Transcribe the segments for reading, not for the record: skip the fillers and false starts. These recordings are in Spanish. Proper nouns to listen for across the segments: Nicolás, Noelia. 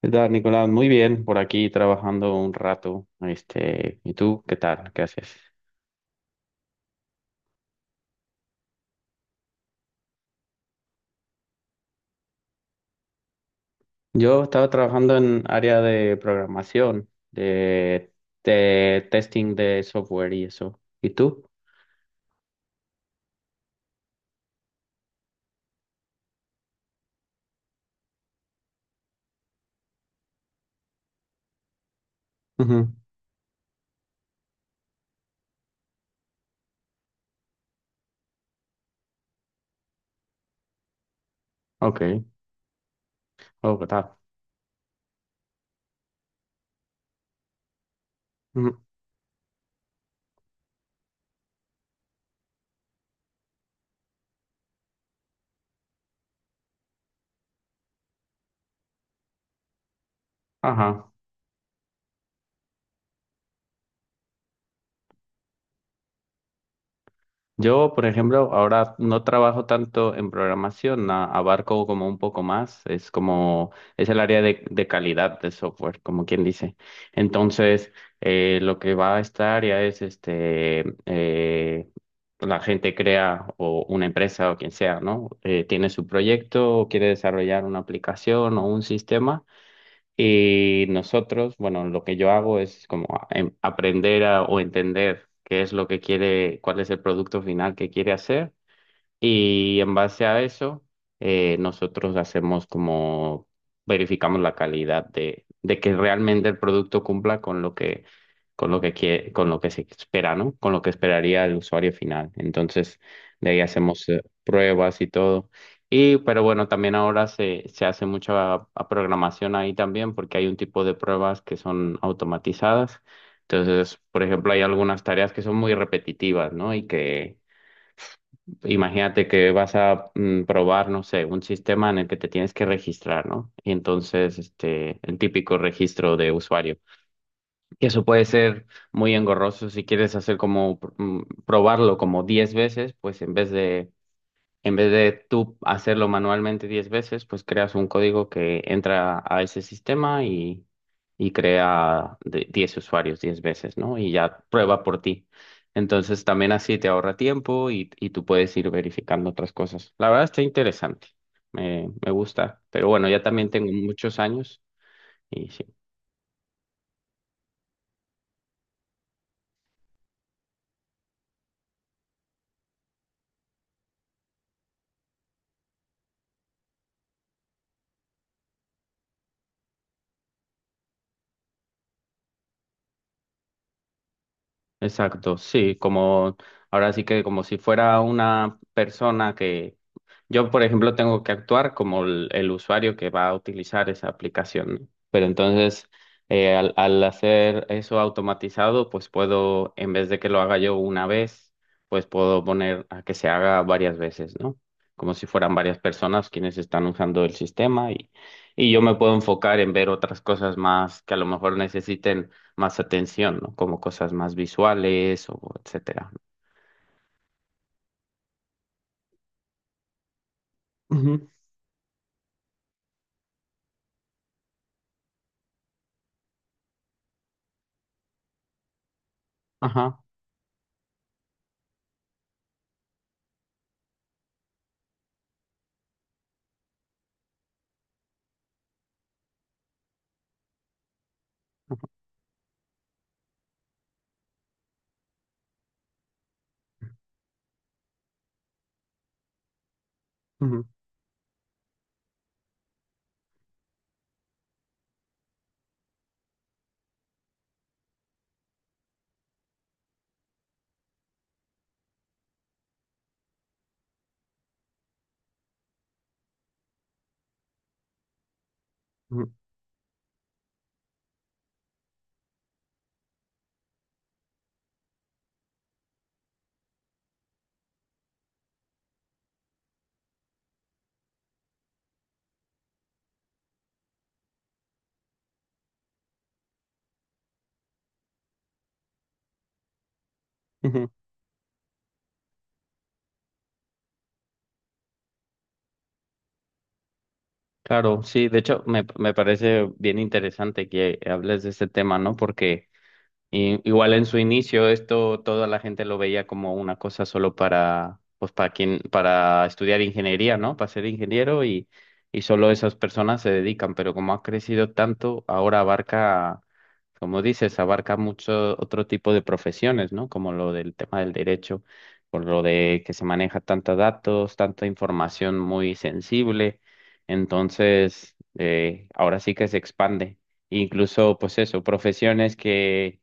¿Qué tal, Nicolás? Muy bien, por aquí trabajando un rato. ¿Y tú qué tal? ¿Qué haces? Yo estaba trabajando en área de programación, de testing de software y eso. ¿Y tú? Ujú. Ok. Oh, ¿qué tal? Ujú. Ajá. Yo, por ejemplo, ahora no trabajo tanto en programación, abarco como un poco más, es como, es el área de calidad de software, como quien dice. Entonces, lo que va a esta área es, la gente crea o una empresa o quien sea, ¿no? Tiene su proyecto o quiere desarrollar una aplicación o un sistema. Y nosotros, bueno, lo que yo hago es como aprender o entender qué es lo que quiere, cuál es el producto final que quiere hacer y en base a eso, nosotros hacemos como, verificamos la calidad de que realmente el producto cumpla con lo que, con lo que con lo que se espera, ¿no? Con lo que esperaría el usuario final. Entonces, de ahí hacemos pruebas y todo. Y, pero bueno, también ahora se hace mucha programación ahí también, porque hay un tipo de pruebas que son automatizadas. Entonces, por ejemplo, hay algunas tareas que son muy repetitivas, ¿no? Y que imagínate que vas a probar, no sé, un sistema en el que te tienes que registrar, ¿no? Y entonces, el típico registro de usuario. Que eso puede ser muy engorroso si quieres hacer como probarlo como 10 veces, pues en vez de tú hacerlo manualmente 10 veces, pues creas un código que entra a ese sistema y crea 10 usuarios 10 veces, ¿no? Y ya prueba por ti. Entonces también así te ahorra tiempo y tú puedes ir verificando otras cosas. La verdad está interesante, me gusta, pero bueno, ya también tengo muchos años y sí. Exacto, sí, como ahora sí que como si fuera una persona que yo, por ejemplo, tengo que actuar como el usuario que va a utilizar esa aplicación, ¿no? Pero entonces, al hacer eso automatizado, pues puedo, en vez de que lo haga yo una vez, pues puedo poner a que se haga varias veces, ¿no? Como si fueran varias personas quienes están usando el sistema y yo me puedo enfocar en ver otras cosas más que a lo mejor necesiten más atención, ¿no? Como cosas más visuales o etcétera. Ujú. Ajá. Ajá, ujú, ujú, ujú. Claro, sí, de hecho me parece bien interesante que hables de este tema, ¿no? Porque y igual en su inicio esto toda la gente lo veía como una cosa solo para pues para quien para estudiar ingeniería, ¿no? Para ser ingeniero y solo esas personas se dedican, pero como ha crecido tanto, ahora abarca, como dices, abarca mucho otro tipo de profesiones, ¿no? Como lo del tema del derecho, por lo de que se maneja tantos datos, tanta información muy sensible. Entonces, ahora sí que se expande incluso pues eso, profesiones que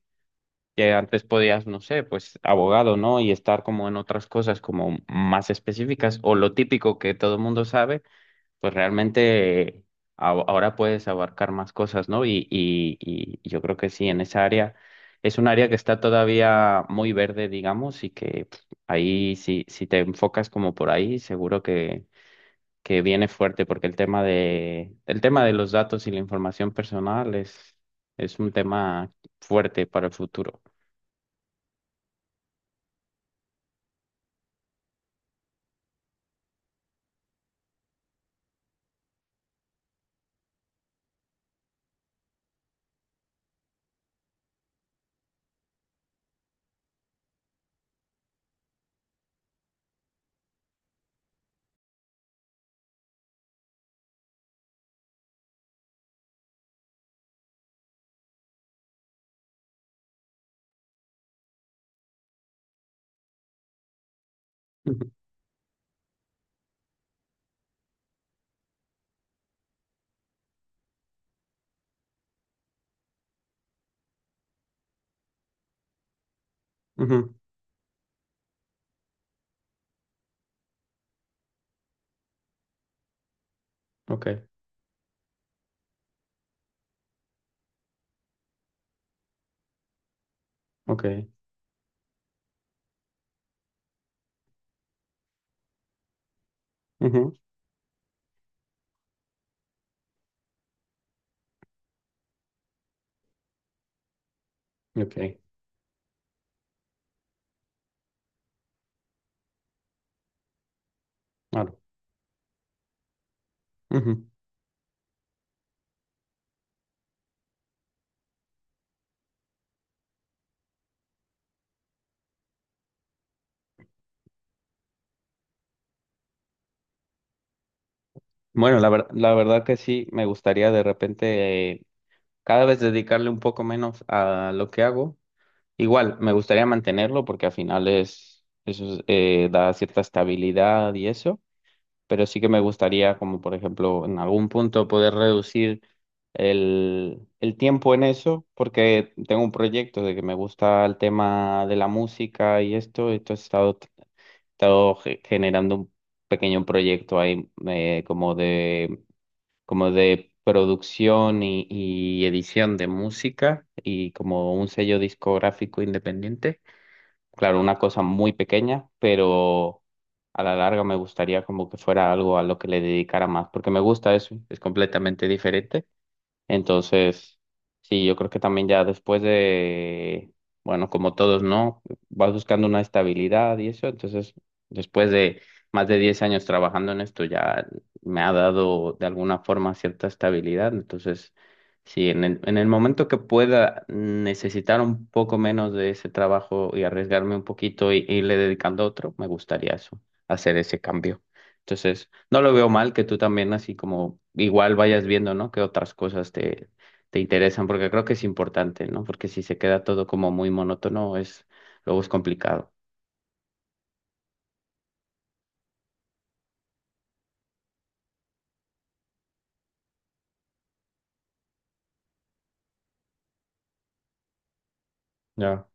que antes podías, no sé, pues abogado, ¿no? Y estar como en otras cosas como más específicas o lo típico que todo el mundo sabe, pues realmente ahora puedes abarcar más cosas, ¿no? Y yo creo que sí, en esa área es un área que está todavía muy verde, digamos, y que pf, ahí si, si te enfocas como por ahí, seguro que viene fuerte, porque el tema de los datos y la información personal es un tema fuerte para el futuro. Ujú. Ok, ok, ujú, ok, claro. Ujú. Bueno, la la verdad que sí, me gustaría de repente cada vez dedicarle un poco menos a lo que hago. Igual, me gustaría mantenerlo porque al final es, eso es, da cierta estabilidad y eso, pero sí que me gustaría, como por ejemplo, en algún punto poder reducir el tiempo en eso, porque tengo un proyecto de que me gusta el tema de la música y esto he estado generando un pequeño proyecto ahí como de producción y edición de música y como un sello discográfico independiente. Claro, una cosa muy pequeña, pero a la larga me gustaría como que fuera algo a lo que le dedicara más, porque me gusta eso, es completamente diferente entonces, sí, yo creo que también ya después de, bueno, como todos, ¿no? Vas buscando una estabilidad y eso. Entonces, después de más de 10 años trabajando en esto, ya me ha dado de alguna forma cierta estabilidad. Entonces, sí, en en el momento que pueda necesitar un poco menos de ese trabajo y arriesgarme un poquito y irle dedicando a otro, me gustaría eso, hacer ese cambio. Entonces, no lo veo mal que tú también así como igual vayas viendo, ¿no? Que otras cosas te, te interesan, porque creo que es importante, ¿no? Porque si se queda todo como muy monótono, es, luego es complicado. Ya.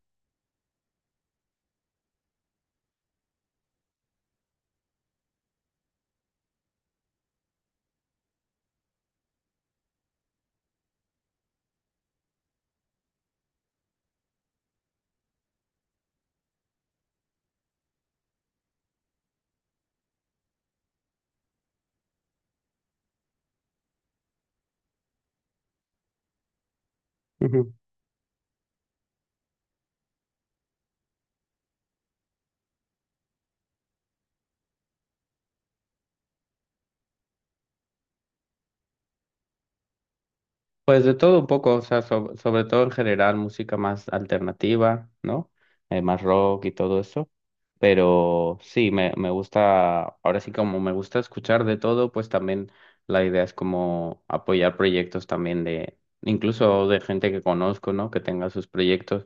Pues de todo un poco, o sea, sobre todo en general música más alternativa, ¿no? Más rock y todo eso. Pero sí, me gusta, ahora sí como me gusta escuchar de todo, pues también la idea es como apoyar proyectos también de, incluso de gente que conozco, ¿no? Que tenga sus proyectos.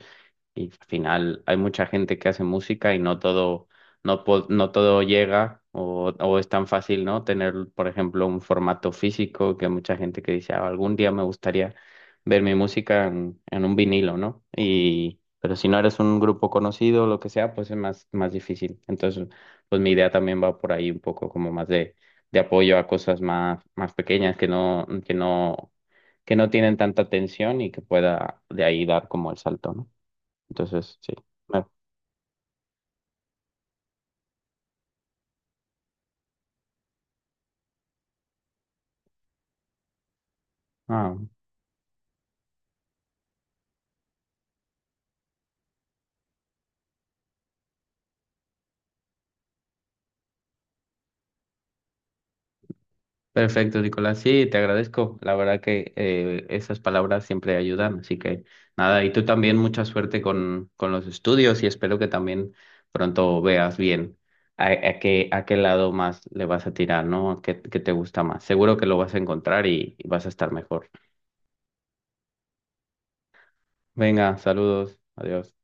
Y al final hay mucha gente que hace música y no todo, no, no todo llega o es tan fácil, ¿no? Tener, por ejemplo, un formato físico que hay mucha gente que dice, "Ah, algún día me gustaría ver mi música en un vinilo, ¿no? Y, pero si no eres un grupo conocido o lo que sea, pues es más, más difícil. Entonces, pues mi idea también va por ahí un poco como más de apoyo a cosas más, más pequeñas que no, que no, que no tienen tanta atención y que pueda de ahí dar como el salto, ¿no? Entonces, sí. me- Ah, perfecto, Nicolás. Sí, te agradezco. La verdad que esas palabras siempre ayudan. Así que nada, y tú también mucha suerte con los estudios y espero que también pronto veas bien a qué lado más le vas a tirar, ¿no? A qué, qué te gusta más. Seguro que lo vas a encontrar y vas a estar mejor. Venga, saludos. Adiós.